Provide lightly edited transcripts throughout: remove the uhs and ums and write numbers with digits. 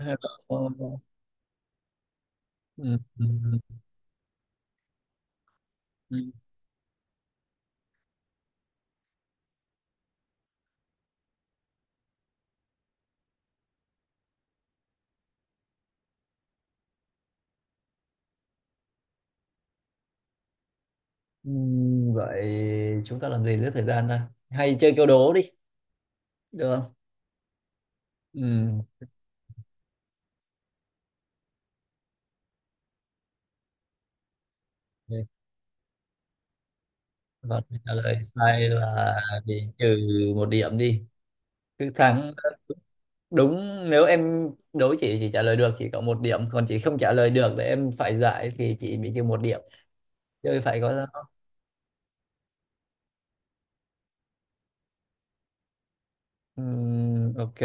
Hello. Ừ, ừ, ừ. Ừ. Vậy chúng ta làm gì giữa thời gian ta? Hay chơi câu đố đi, được không? Ừ. Ok. Và trả lời sai là bị trừ một điểm đi. Cứ thắng đúng, nếu em đố chị chỉ trả lời được chỉ có một điểm, còn chị không trả lời được để em phải giải thì chị bị trừ một điểm. Chơi phải có ừ, ok.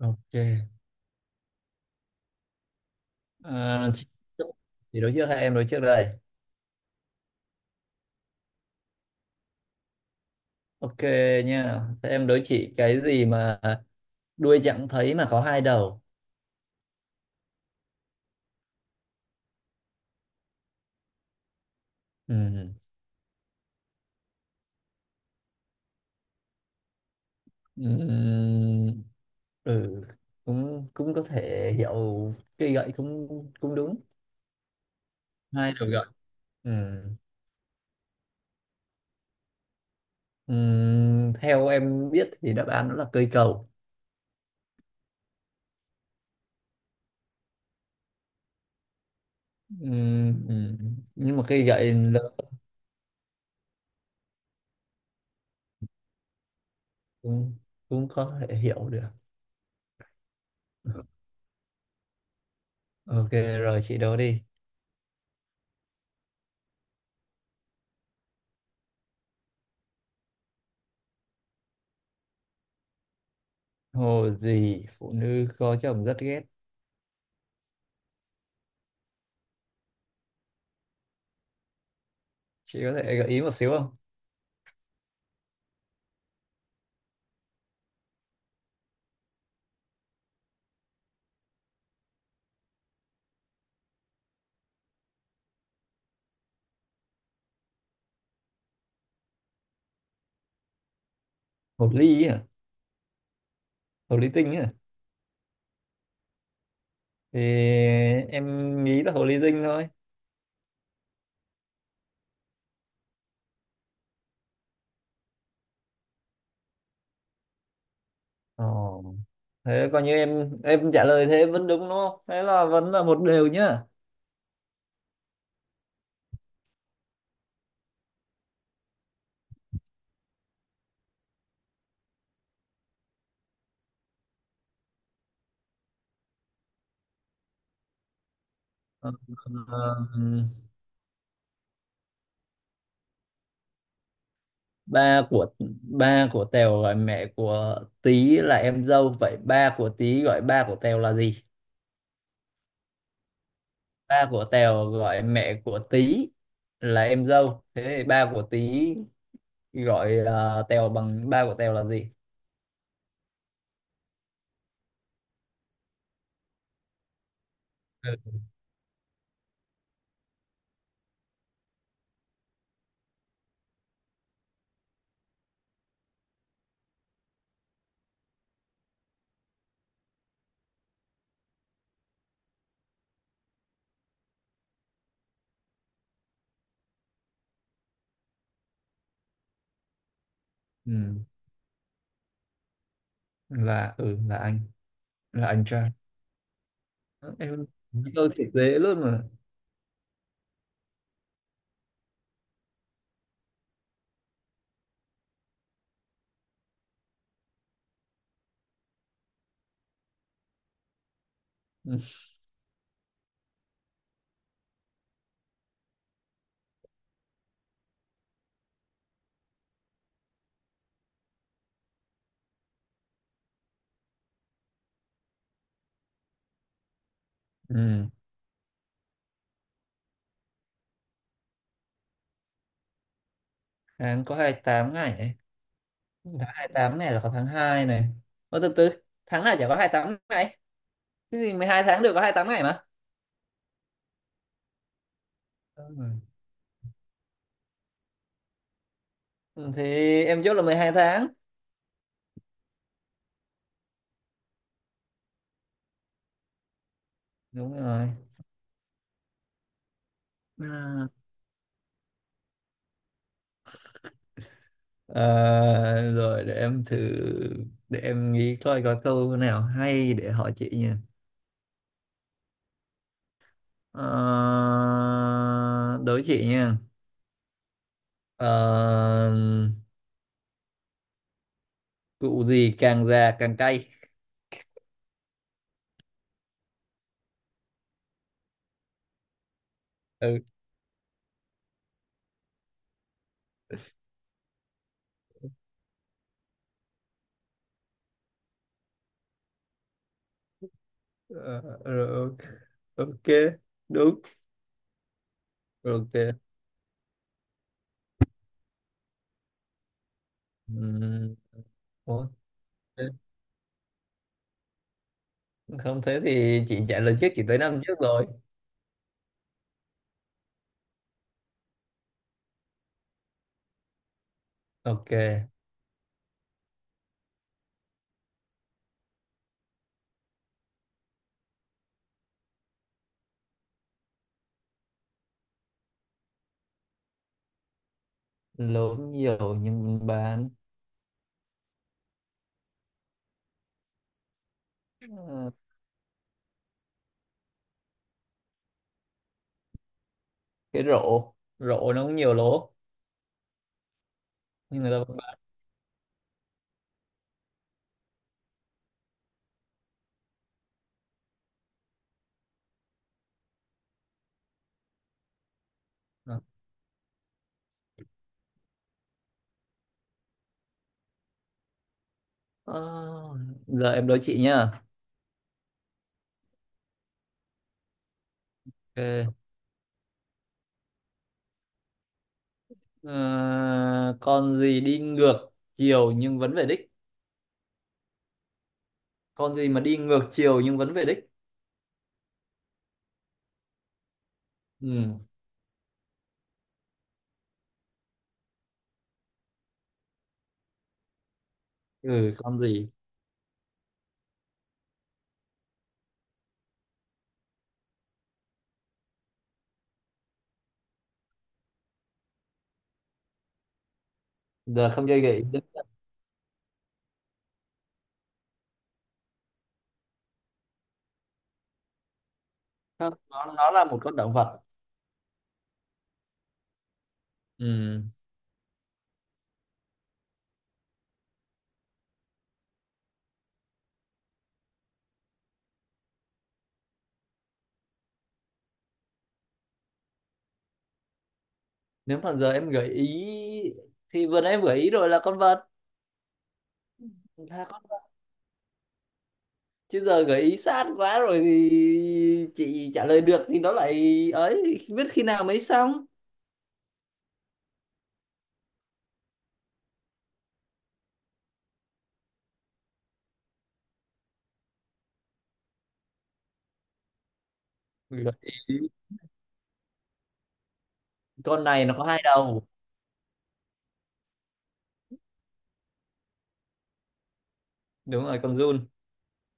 Ok. À, chị đối trước hay em đối trước đây? Ok nha. Thế em đối chị, cái gì mà đuôi chẳng thấy mà có hai đầu? Ừ. Ừ. ừ. ừ. Ừ. cũng cũng có thể hiểu, cây gậy cũng cũng đúng, hai đầu gậy. Ừ. Ừ. Theo em biết thì đáp án đó là cây cầu. Ừ. Ừ. Nhưng mà cây gậy lớn cũng cũng có thể hiểu được. Ok, rồi chị đố đi. Hồ gì phụ nữ có chồng rất ghét? Chị có thể gợi ý một xíu không? Hồ ly à? Hồ ly tinh à? Thì em nghĩ là hồ ly tinh thôi. Ồ. Thế coi như em trả lời thế vẫn đúng đúng không, thế là vẫn là một đều nhá. Ờ, ba của ba của Tèo gọi mẹ của Tí là em dâu, vậy ba của Tí gọi ba của Tèo là gì? Ba của Tèo gọi mẹ của Tí là em dâu, thế thì ba của Tí gọi Tèo, bằng ba của Tèo là gì? Ừ. Ừ, là là anh, là anh trai em. Câu thì dễ luôn mà. Ừ. Ừ. Tháng có 28 ngày ấy. Tháng 28 này là có tháng 2 này. Ô, từ từ, tháng nào chả có hai mươi tám ngày, cái gì mười hai tháng đều có 28 ngày mà. Đúng rồi. Ừ, thì em chốt là 12 tháng. Đúng rồi. À, ờ, rồi để em thử, để em nghĩ coi có câu nào hay để hỏi chị nha. Ờ, đối chị nha. Ờ, cụ gì càng già càng cay? Ừ. Ờ, rồi, ok. Ok, đúng. Ok. Ừm, ok. Không, thế thì chị trả lời trước, chị tới năm trước rồi. Ok. Lố nhiều nhưng mình bán? Ờ, cái rổ, rổ nó cũng nhiều lố nhưng người ta vẫn bán. Ờ, giờ em đố chị nhá. Ok. Ờ, con gì đi ngược chiều nhưng vẫn về đích? Con gì mà đi ngược chiều nhưng vẫn về đích? Ừ. Ừ, con gì. Giờ không chơi gợi ý nữa. Không, nó là một con động vật. Ừ. Nếu mà giờ em gợi ý thì vừa nãy em gợi ý rồi, là con vật, là con. Chứ giờ gợi ý sát quá rồi thì chị trả lời được thì nó lại ấy, biết khi nào mới xong. Gợi ý con này nó có hai đầu. Đúng rồi, con giun.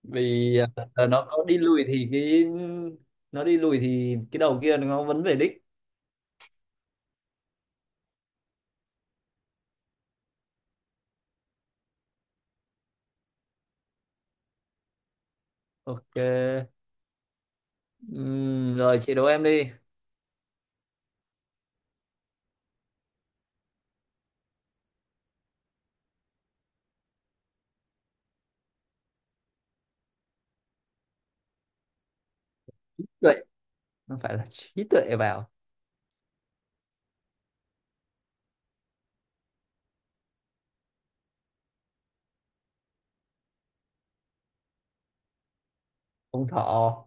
Vì nó có đi lùi thì cái đầu kia nó vẫn về đích. Ok. Rồi chị đố em đi. Tuệ. Không phải là trí tuệ vào. Ông thọ.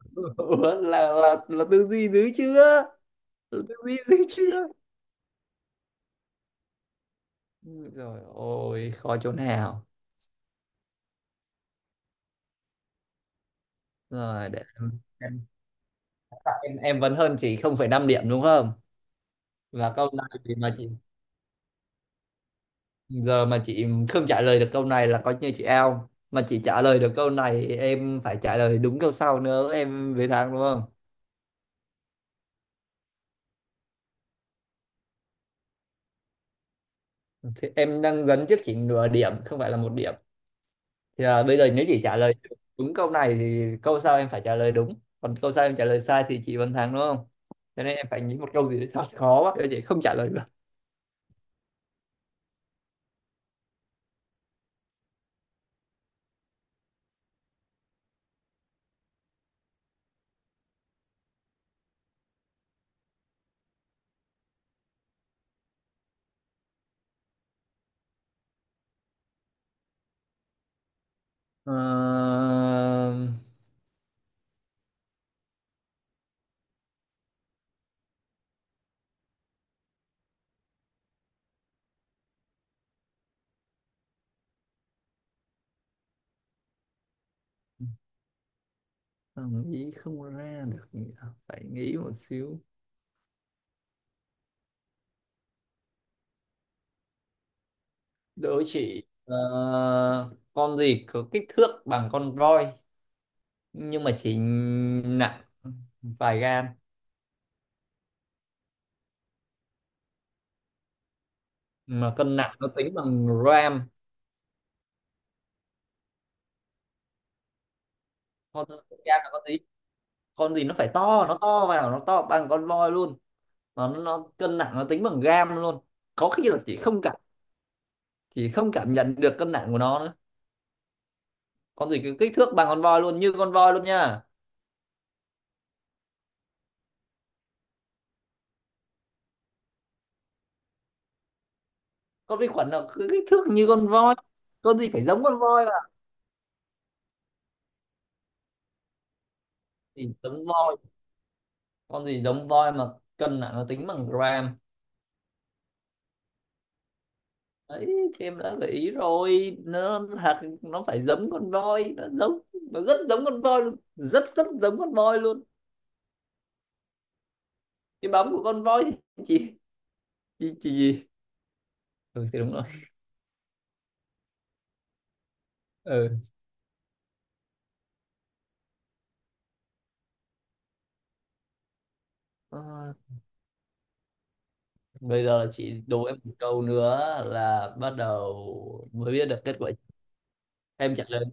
Ủa, là, là tư duy dữ chưa, tư duy dữ chưa. Rồi ôi khó chỗ nào? Rồi để em em vẫn hơn chị không phẩy năm điểm đúng không? Và câu này thì mà chị, giờ mà chị không trả lời được câu này là coi như chị out, mà chị trả lời được câu này em phải trả lời đúng câu sau nữa em về thắng đúng không. Thì em đang dẫn trước chị nửa điểm không phải là một điểm. Thì à, bây giờ nếu chị trả lời đúng câu này thì câu sau em phải trả lời đúng, còn câu sau em trả lời sai thì chị vẫn thắng đúng không. Cho nên em phải nghĩ một câu gì đó thật khó quá để chị không trả lời được. Ờ, sao nghĩ không ra được nhỉ? Phải nghĩ một xíu. Đố chị con gì có kích thước bằng con voi nhưng mà chỉ nặng vài gram, mà cân nặng nó tính bằng gram. Con gram là con gì? Con gì nó phải to, nó to vào, nó to bằng con voi luôn. Mà nó cân nặng nó tính bằng gram luôn. Có khi là chị không cảm, chị không cảm nhận được cân nặng của nó nữa. Con gì cứ kích thước bằng con voi luôn, như con voi luôn nha. Con vi khuẩn là cứ kích thước như con voi? Con gì phải giống con voi, gì giống voi, con gì giống voi mà cân nặng nó tính bằng gram? Ấy thì em đã gợi ý rồi, nó thật nó phải giống con voi, nó giống, nó rất giống con voi luôn, rất rất giống con voi luôn. Cái bóng của con voi. Thì chị chỉ gì? Ừ, thì đúng rồi. Ừ. Ờ, bây giờ chị đố em một câu nữa là bắt đầu mới biết được kết quả. Em trả lời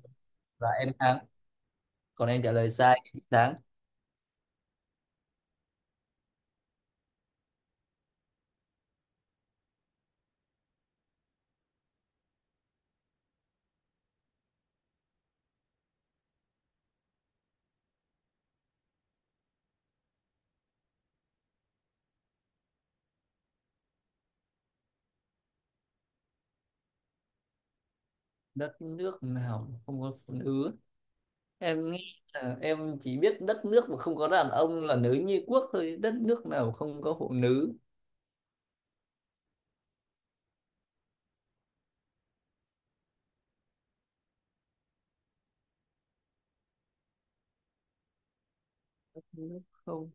và em thắng, còn em trả lời sai em thắng. Đất nước nào không có phụ nữ? Em nghĩ là em chỉ biết đất nước mà không có đàn ông là nữ nhi quốc thôi, đất nước nào không có phụ nữ? Không.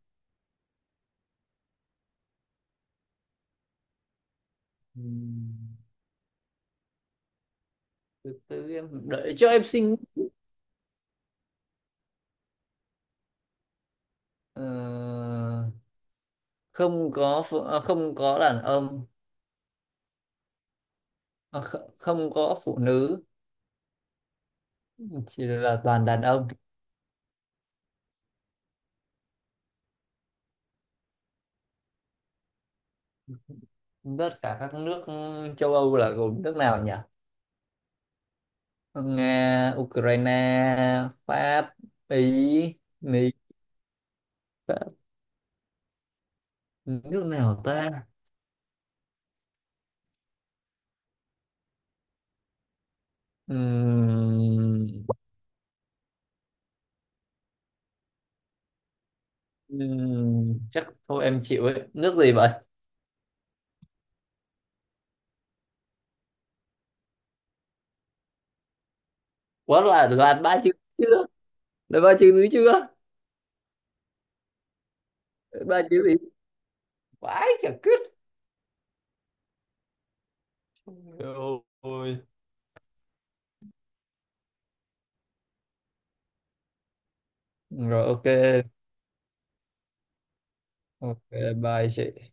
Ừm, từ từ em đợi cho em sinh. Ờ, không có phụ, à, không có đàn ông. À, kh- không có phụ nữ, chỉ là toàn đàn ông. Tất cả các nước châu Âu là gồm nước nào nhỉ? Nga, Ukraine, Pháp, Ý, Mỹ, Pháp, nước nào ta. Ừm. Chắc thôi em chịu ấy, nước gì vậy? Quá là đoàn ba chữ chưa, là ba chữ dưới chưa? Ba chữ gì? Vãi chả cứt. Rồi. Rồi ok. Ok, bye chị.